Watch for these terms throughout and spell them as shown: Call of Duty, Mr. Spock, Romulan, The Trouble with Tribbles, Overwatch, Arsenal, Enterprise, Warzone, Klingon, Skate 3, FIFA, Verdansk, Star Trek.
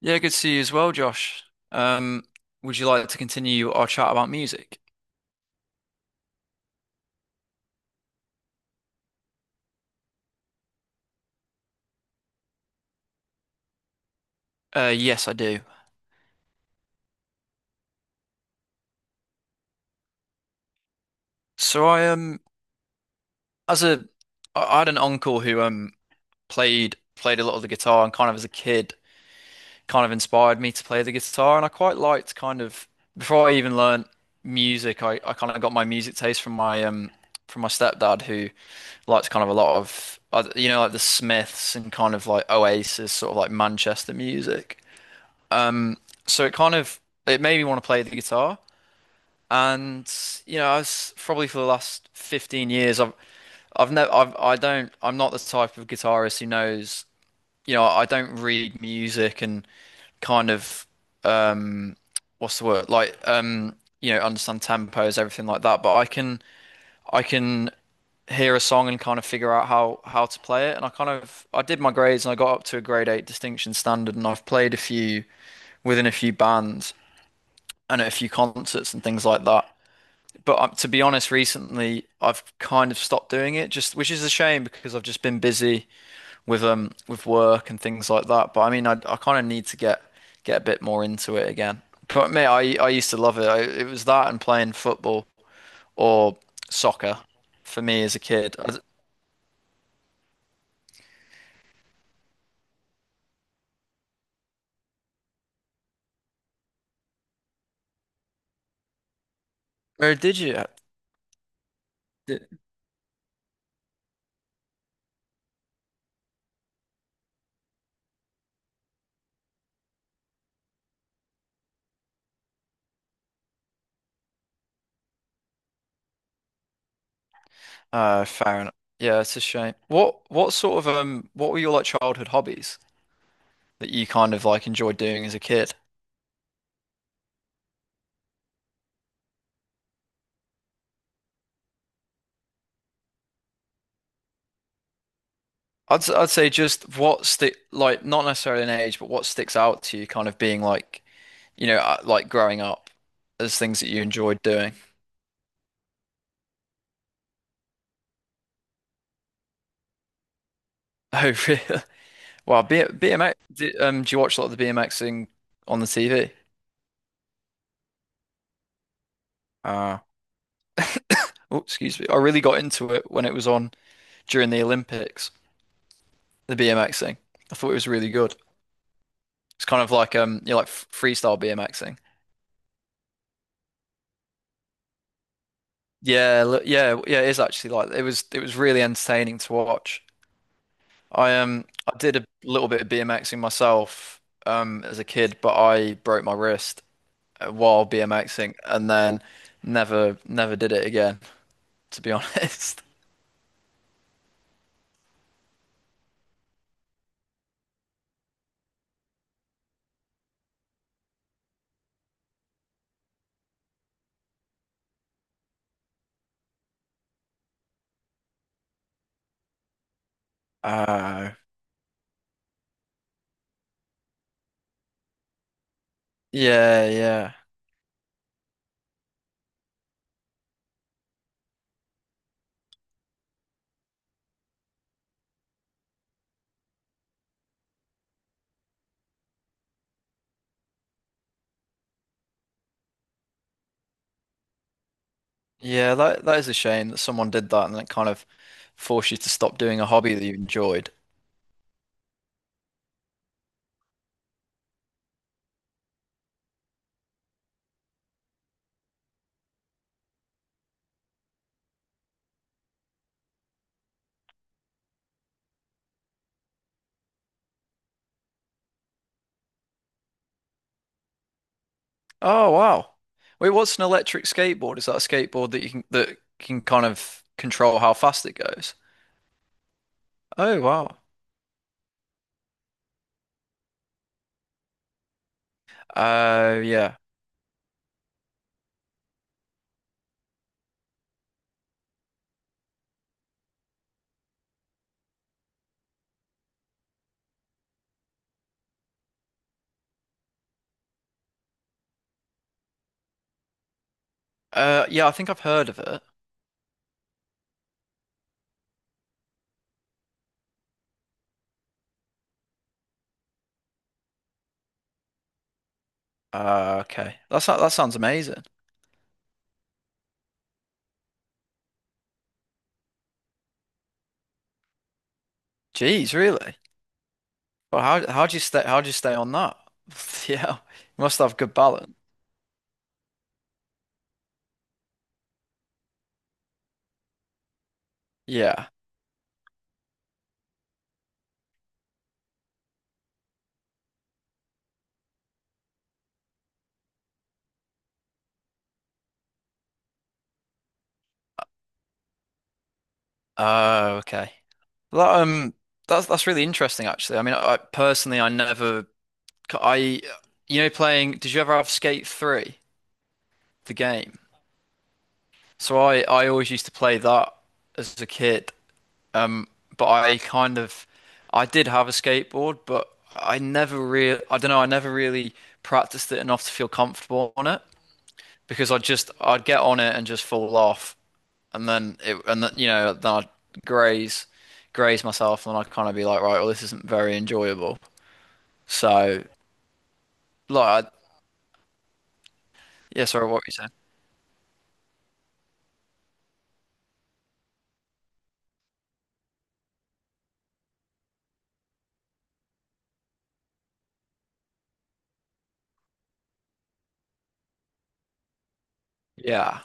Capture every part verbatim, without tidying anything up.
Yeah, good to see you as well, Josh. Um, would you like to continue our chat about music? Uh, yes, I do. So I um, as a, I I had an uncle who um played played a lot of the guitar and kind of as a kid, kind of inspired me to play the guitar, and I quite liked kind of before I even learned music, I, I kind of got my music taste from my um from my stepdad who liked kind of a lot of uh, you know, like the Smiths and kind of like Oasis, sort of like Manchester music. Um, so it kind of it made me want to play the guitar, and you know, I was probably for the last fifteen years, I've I've never I've I don't I'm not the type of guitarist who knows, you know, I don't read music and kind of um what's the word? Like um you know, understand tempos, everything like that, but I can I can hear a song and kind of figure out how how to play it, and I kind of I did my grades and I got up to a grade eight distinction standard, and I've played a few within a few bands and at a few concerts and things like that. But um, to be honest, recently I've kind of stopped doing it, just which is a shame because I've just been busy with um with work and things like that. But I mean, I I kind of need to get get a bit more into it again. But mate, I I used to love it. I, it was that and playing football or soccer for me as a kid. I- Or did you? Uh, Did- Uh, fair enough. Yeah, it's a shame. What what sort of um what were your like childhood hobbies that you kind of like enjoyed doing as a kid? I'd I'd say just what stick, like, not necessarily an age, but what sticks out to you, kind of being like, you know, uh, like growing up as things that you enjoyed doing. Oh, really? Well, B BMX. Do, um, do you watch a lot of the BMXing on the T V? Uh, oh, excuse me. I really got into it when it was on during the Olympics. The BMXing. I thought it was really good. It's kind of like um, you know, like f- freestyle BMXing. Yeah, look, yeah, yeah. It is actually like it was. It was really entertaining to watch. I um I did a little bit of BMXing myself um as a kid, but I broke my wrist uh, while BMXing, and then never never did it again, to be honest. Oh. Yeah, yeah. Yeah, that that is a shame that someone did that and it kind of forced you to stop doing a hobby that you enjoyed. Oh, wow. Wait, what's an electric skateboard? Is that a skateboard that you can, that can kind of control how fast it goes? Oh, wow. Oh, yeah. Uh, yeah, I think I've heard of it. Uh, okay. That's that that sounds amazing. Jeez, really? Well, how how do you stay, how do you stay on that? Yeah, you must have good balance. Yeah. Oh, okay. Well, That um, that's that's really interesting, actually. I mean, I, I personally, I never, I, you know, playing. Did you ever have Skate three, the game? So I I always used to play that as a kid. Um, but I kind of, I did have a skateboard, but I never really, I don't know, I never really practiced it enough to feel comfortable on it, because I just, I'd get on it and just fall off, and then it, and then, you know, then I'd graze, graze myself, and then I'd kind of be like, right, well, this isn't very enjoyable. So, like, I, yeah, sorry, what were you saying? Yeah,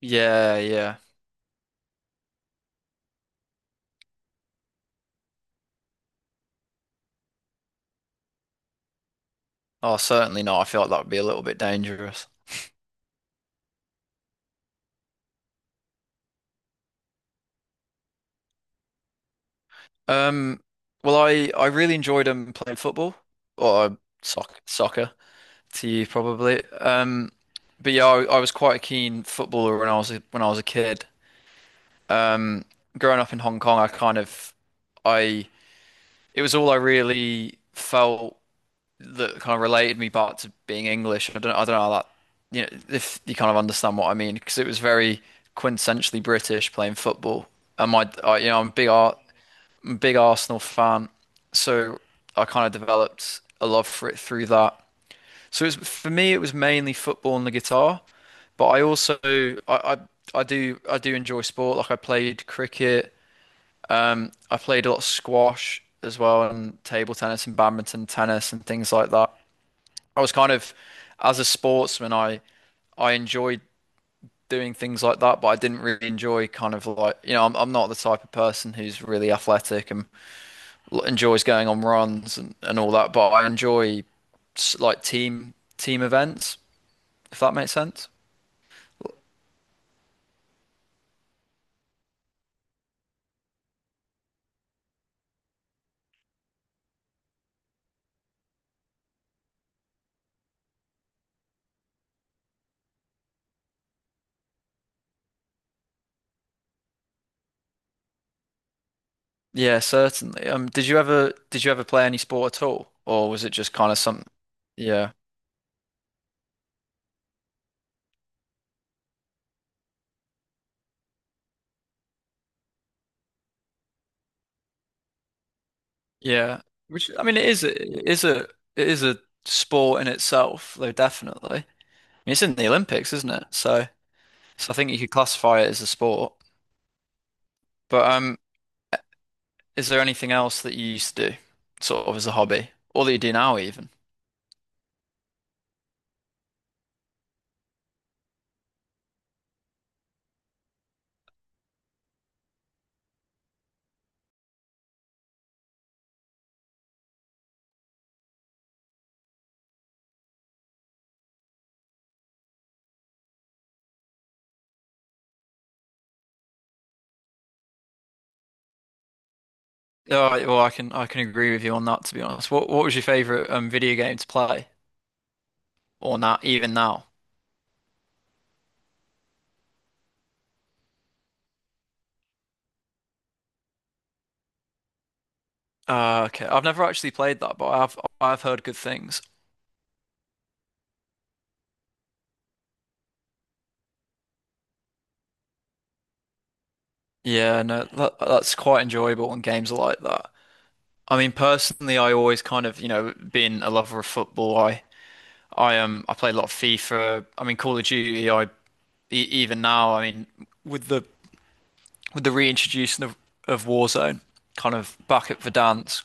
yeah, yeah. Oh, certainly not. I feel like that would be a little bit dangerous. Um, well, I I really enjoyed um playing football or uh, soc soccer to you, probably. Um, but yeah, I, I was quite a keen footballer when I was a, when I was a kid. Growing up in Hong Kong, I kind of I it was all I really felt that kind of related me back to being English. I don't I don't know how that, you know, if you kind of understand what I mean, because it was very quintessentially British playing football. And my I, you know, I'm a big art big Arsenal fan, so I kind of developed a love for it through that. So it's, for me, it was mainly football and the guitar, but I also I, I I do I do enjoy sport. Like I played cricket, I played a lot of squash as well, and table tennis and badminton, tennis and things like that. I was kind of, as a sportsman, I I enjoyed doing things like that, but I didn't really enjoy kind of, like, you know, I'm I'm not the type of person who's really athletic and, like, enjoys going on runs and, and all that, but I enjoy like team team events, if that makes sense. Yeah, certainly. Um, did you ever, did you ever play any sport at all, or was it just kind of some? Yeah, yeah. Which I mean, it is a, it is a it is a sport in itself, though, definitely. I mean, it's in the Olympics, isn't it? So, so I think you could classify it as a sport. But um, is there anything else that you used to do, sort of as a hobby, or that you do now even? Oh, well, I can I can agree with you on that, to be honest. What what was your favorite um video game to play, or not even now? Uh, okay, I've never actually played that, but I've I've heard good things. Yeah, no, that, that's quite enjoyable when games are like that. I mean, personally, I always kind of, you know, being a lover of football, I I um I play a lot of FIFA. I mean, Call of Duty. I e even now, I mean, with the with the reintroduction of, of Warzone, kind of back at Verdansk.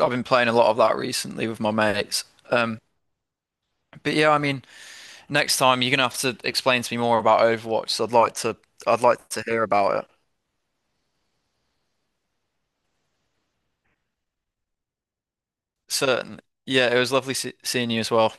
I've been playing a lot of that recently with my mates. Um, but yeah, I mean, next time you're gonna have to explain to me more about Overwatch. So I'd like to, I'd like to hear about it. Certainly. Yeah, it was lovely se seeing you as well.